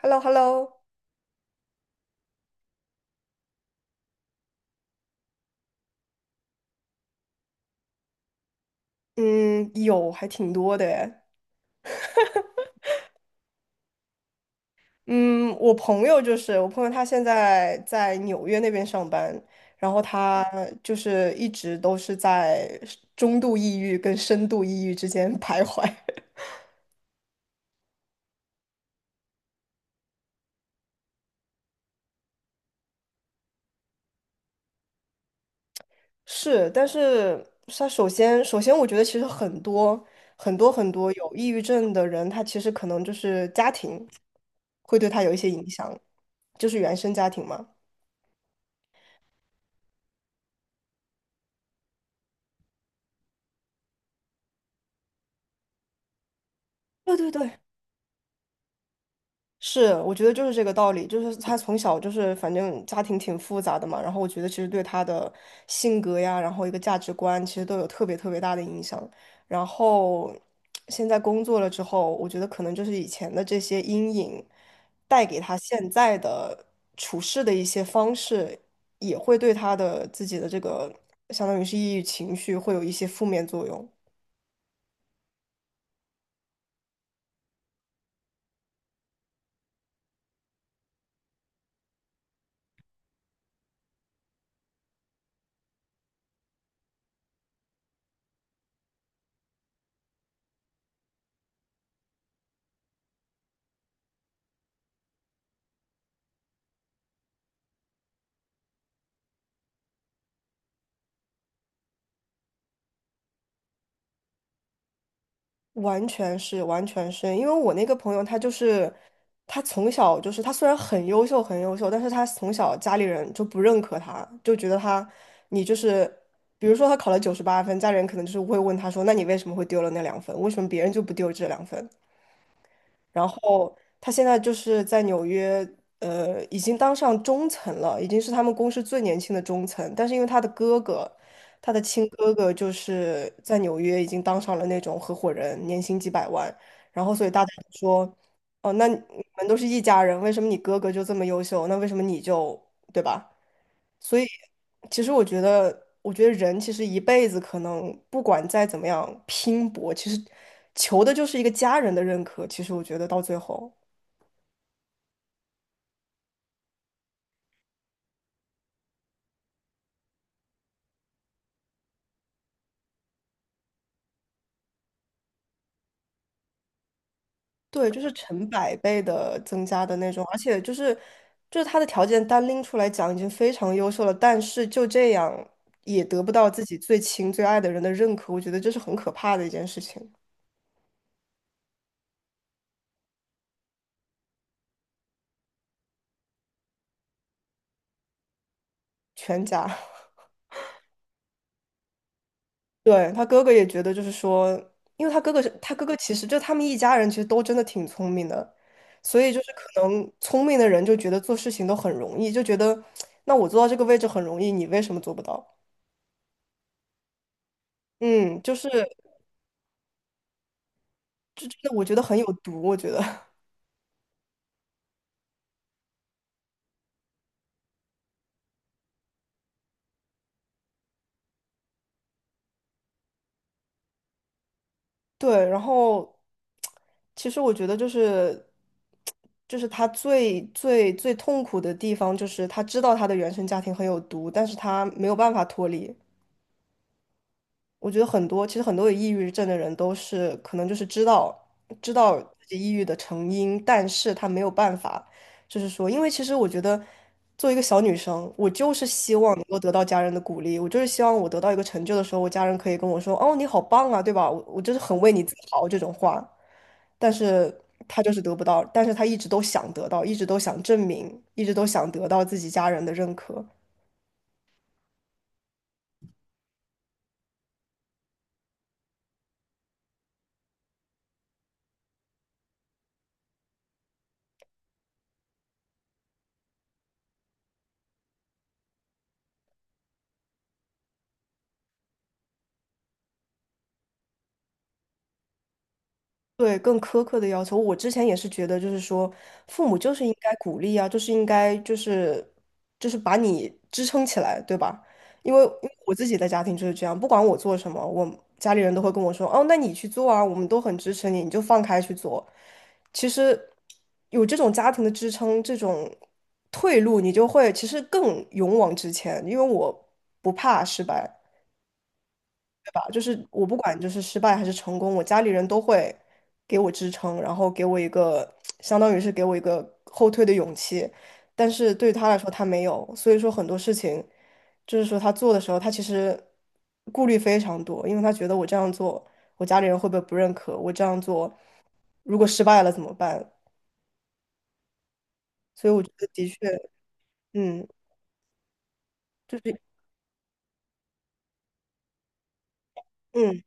h e l l o h e l l o 嗯，有，还挺多的诶。嗯，我朋友，他现在在纽约那边上班，然后他就是一直都是在中度抑郁跟深度抑郁之间 徘徊。是，但是他首先，首先我觉得其实很多很多有抑郁症的人，他其实可能就是家庭会对他有一些影响，就是原生家庭嘛。对对对，是，我觉得就是这个道理，就是他从小就是反正家庭挺复杂的嘛，然后我觉得其实对他的性格呀，然后一个价值观，其实都有特别大的影响。然后 现在工作了之后，我觉得可能就是以前的这些阴影带给他现在的处事的一些方式，也会对他的自己的这个相当于是抑郁情绪会有一些负面作用。完全是，完全是，因为我那个朋友他就是，他从小就是他虽然很优秀很优秀，但是他从小家里人就不认可他，就觉得他你就是，比如说他考了九十八分，家里人可能就是会问他说，那你为什么会丢了那两分？为什么别人就不丢这两分？然后他现在就是在纽约，已经当上中层了，已经是他们公司最年轻的中层。但是因为他的哥哥，他的亲哥哥就是在纽约已经当上了那种合伙人，年薪几百万。然后所以大家就说，哦，那你们都是一家人，为什么你哥哥就这么优秀？那为什么你就，对吧？所以，其实我觉得，我觉得人其实一辈子可能不管再怎么样拼搏，其实求的就是一个家人的认可。其实我觉得到最后，对，就是成百倍的增加的那种，而且就是他的条件单拎出来讲已经非常优秀了，但是就这样也得不到自己最亲最爱的人的认可，我觉得这是很可怕的一件事情，全家。对，他哥哥也觉得，就是说，因为他哥哥是他哥哥，其实就他们一家人其实都真的挺聪明的，所以就是可能聪明的人就觉得做事情都很容易，就觉得那我做到这个位置很容易，你为什么做不到？嗯，这真的我觉得很有毒，我觉得 对。然后其实我觉得就是他最最最痛苦的地方，就是他知道他的原生家庭很有毒，但是他没有办法脱离。我觉得很多，其实很多有抑郁症的人都是可能就是知道自己抑郁的成因，但是他没有办法，就是说，因为其实我觉得作为一个小女生，我就是希望能够得到家人的鼓励，我就是希望我得到一个成就的时候，我家人可以跟我说：“哦，你好棒啊，对吧？我就是很为你自豪这种话。”但是他就是得不到，但是他一直都想得到，一直都想证明，一直都想得到自己家人的认可。对，更苛刻的要求，我之前也是觉得，就是说，父母就是应该鼓励啊，就是应该就是把你支撑起来，对吧？因为我自己的家庭就是这样，不管我做什么，我家里人都会跟我说，哦，那你去做啊，我们都很支持你，你就放开去做。其实有这种家庭的支撑，这种退路，你就会其实更勇往直前，因为我不怕失败。吧，就是我不管就是失败还是成功，我家里人都会给我支撑，然后给我一个相当于是给我一个后退的勇气。但是对于他来说，他没有，所以说很多事情，就是说他做的时候，他其实顾虑非常多，因为他觉得我这样做，我家里人会不会不认可？我这样做，如果失败了怎么办？所以我觉得的确，嗯，就是，嗯，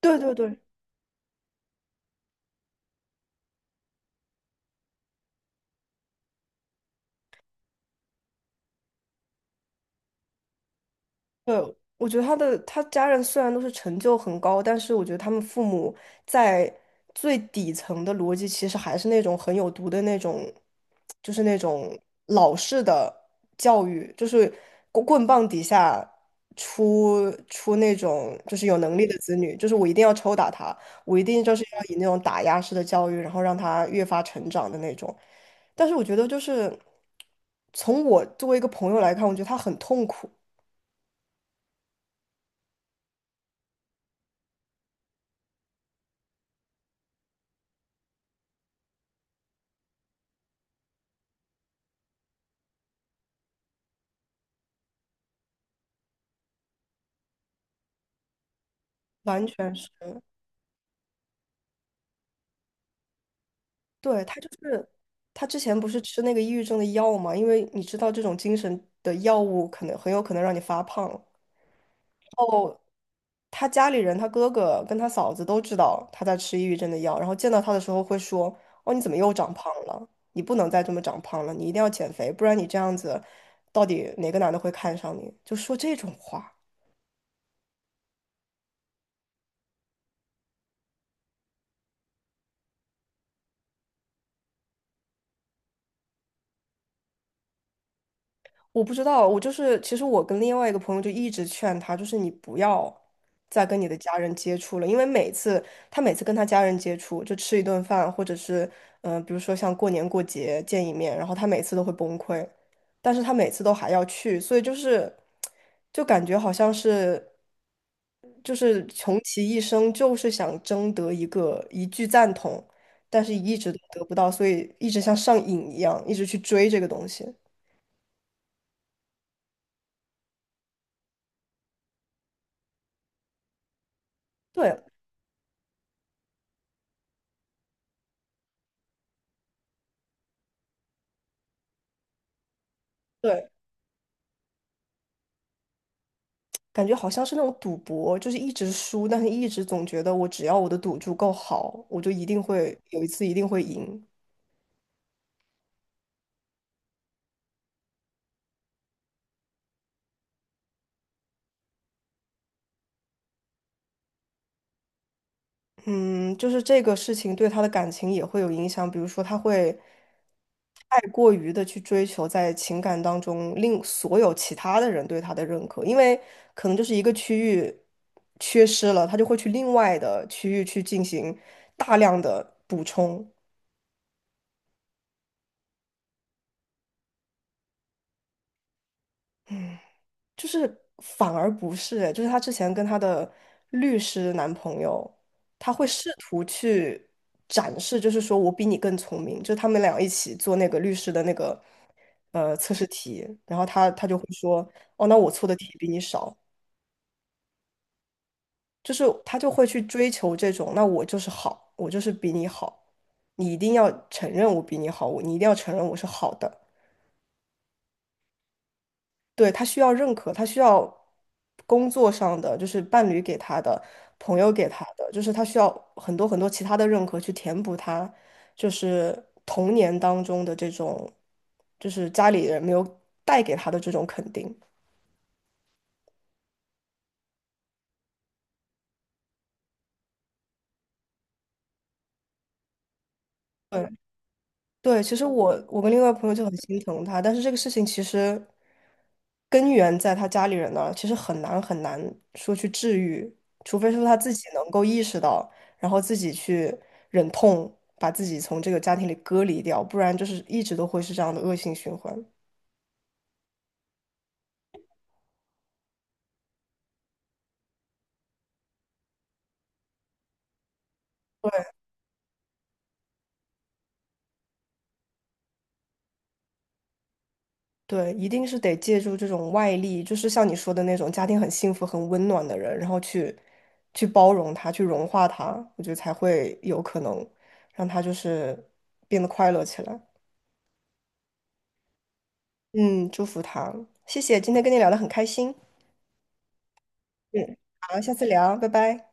对对对，对，我觉得他家人虽然都是成就很高，但是我觉得他们父母在最底层的逻辑其实还是那种很有毒的那种，就是那种老式的教育，就是棍棒底下出那种就是有能力的子女，就是我一定要抽打他，我一定就是要以那种打压式的教育，然后让他越发成长的那种。但是我觉得就是从我作为一个朋友来看，我觉得他很痛苦。完全是。对，他就是他之前不是吃那个抑郁症的药嘛，因为你知道这种精神的药物可能很有可能让你发胖。哦，他家里人，他哥哥跟他嫂子都知道他在吃抑郁症的药，然后见到他的时候会说：“哦，你怎么又长胖了？你不能再这么长胖了，你一定要减肥，不然你这样子，到底哪个男的会看上你？”就说这种话。我不知道，我就是其实我跟另外一个朋友就一直劝他，就是你不要再跟你的家人接触了，因为每次他每次跟他家人接触，就吃一顿饭，或者是比如说像过年过节见一面，然后他每次都会崩溃，但是他每次都还要去，所以就是就感觉好像是就是穷其一生就是想争得一个一句赞同，但是一直都得不到，所以一直像上瘾一样，一直去追这个东西。对。对，感觉好像是那种赌博，就是一直输，但是一直总觉得我只要我的赌注够好，我就一定会有一次一定会赢。嗯，就是这个事情对他的感情也会有影响，比如说他会太过于的去追求在情感当中令所有其他的人对他的认可，因为可能就是一个区域缺失了，他就会去另外的区域去进行大量的补充。就是反而不是，就是她之前跟她的律师男朋友，她会试图去展示，就是说我比你更聪明，就他们俩一起做那个律师的那个测试题，然后她就会说，哦，那我错的题比你少，就是她就会去追求这种，那我就是好，我就是比你好，你一定要承认我比你好，你一定要承认我是好的。对，他需要认可，他需要工作上的，就是伴侣给他的，朋友给他的，就是他需要很多其他的认可去填补他，就是童年当中的这种，就是家里人没有带给他的这种肯定。对，对，其实我跟另外朋友就很心疼他，但是这个事情其实根源在他家里人那儿，其实很难说去治愈，除非说他自己能够意识到，然后自己去忍痛把自己从这个家庭里隔离掉，不然就是一直都会是这样的恶性循环。对，一定是得借助这种外力，就是像你说的那种家庭很幸福、很温暖的人，然后去包容他，去融化他，我觉得才会有可能让他就是变得快乐起来。嗯，祝福他，谢谢，今天跟你聊得很开心。嗯，好，下次聊，拜拜。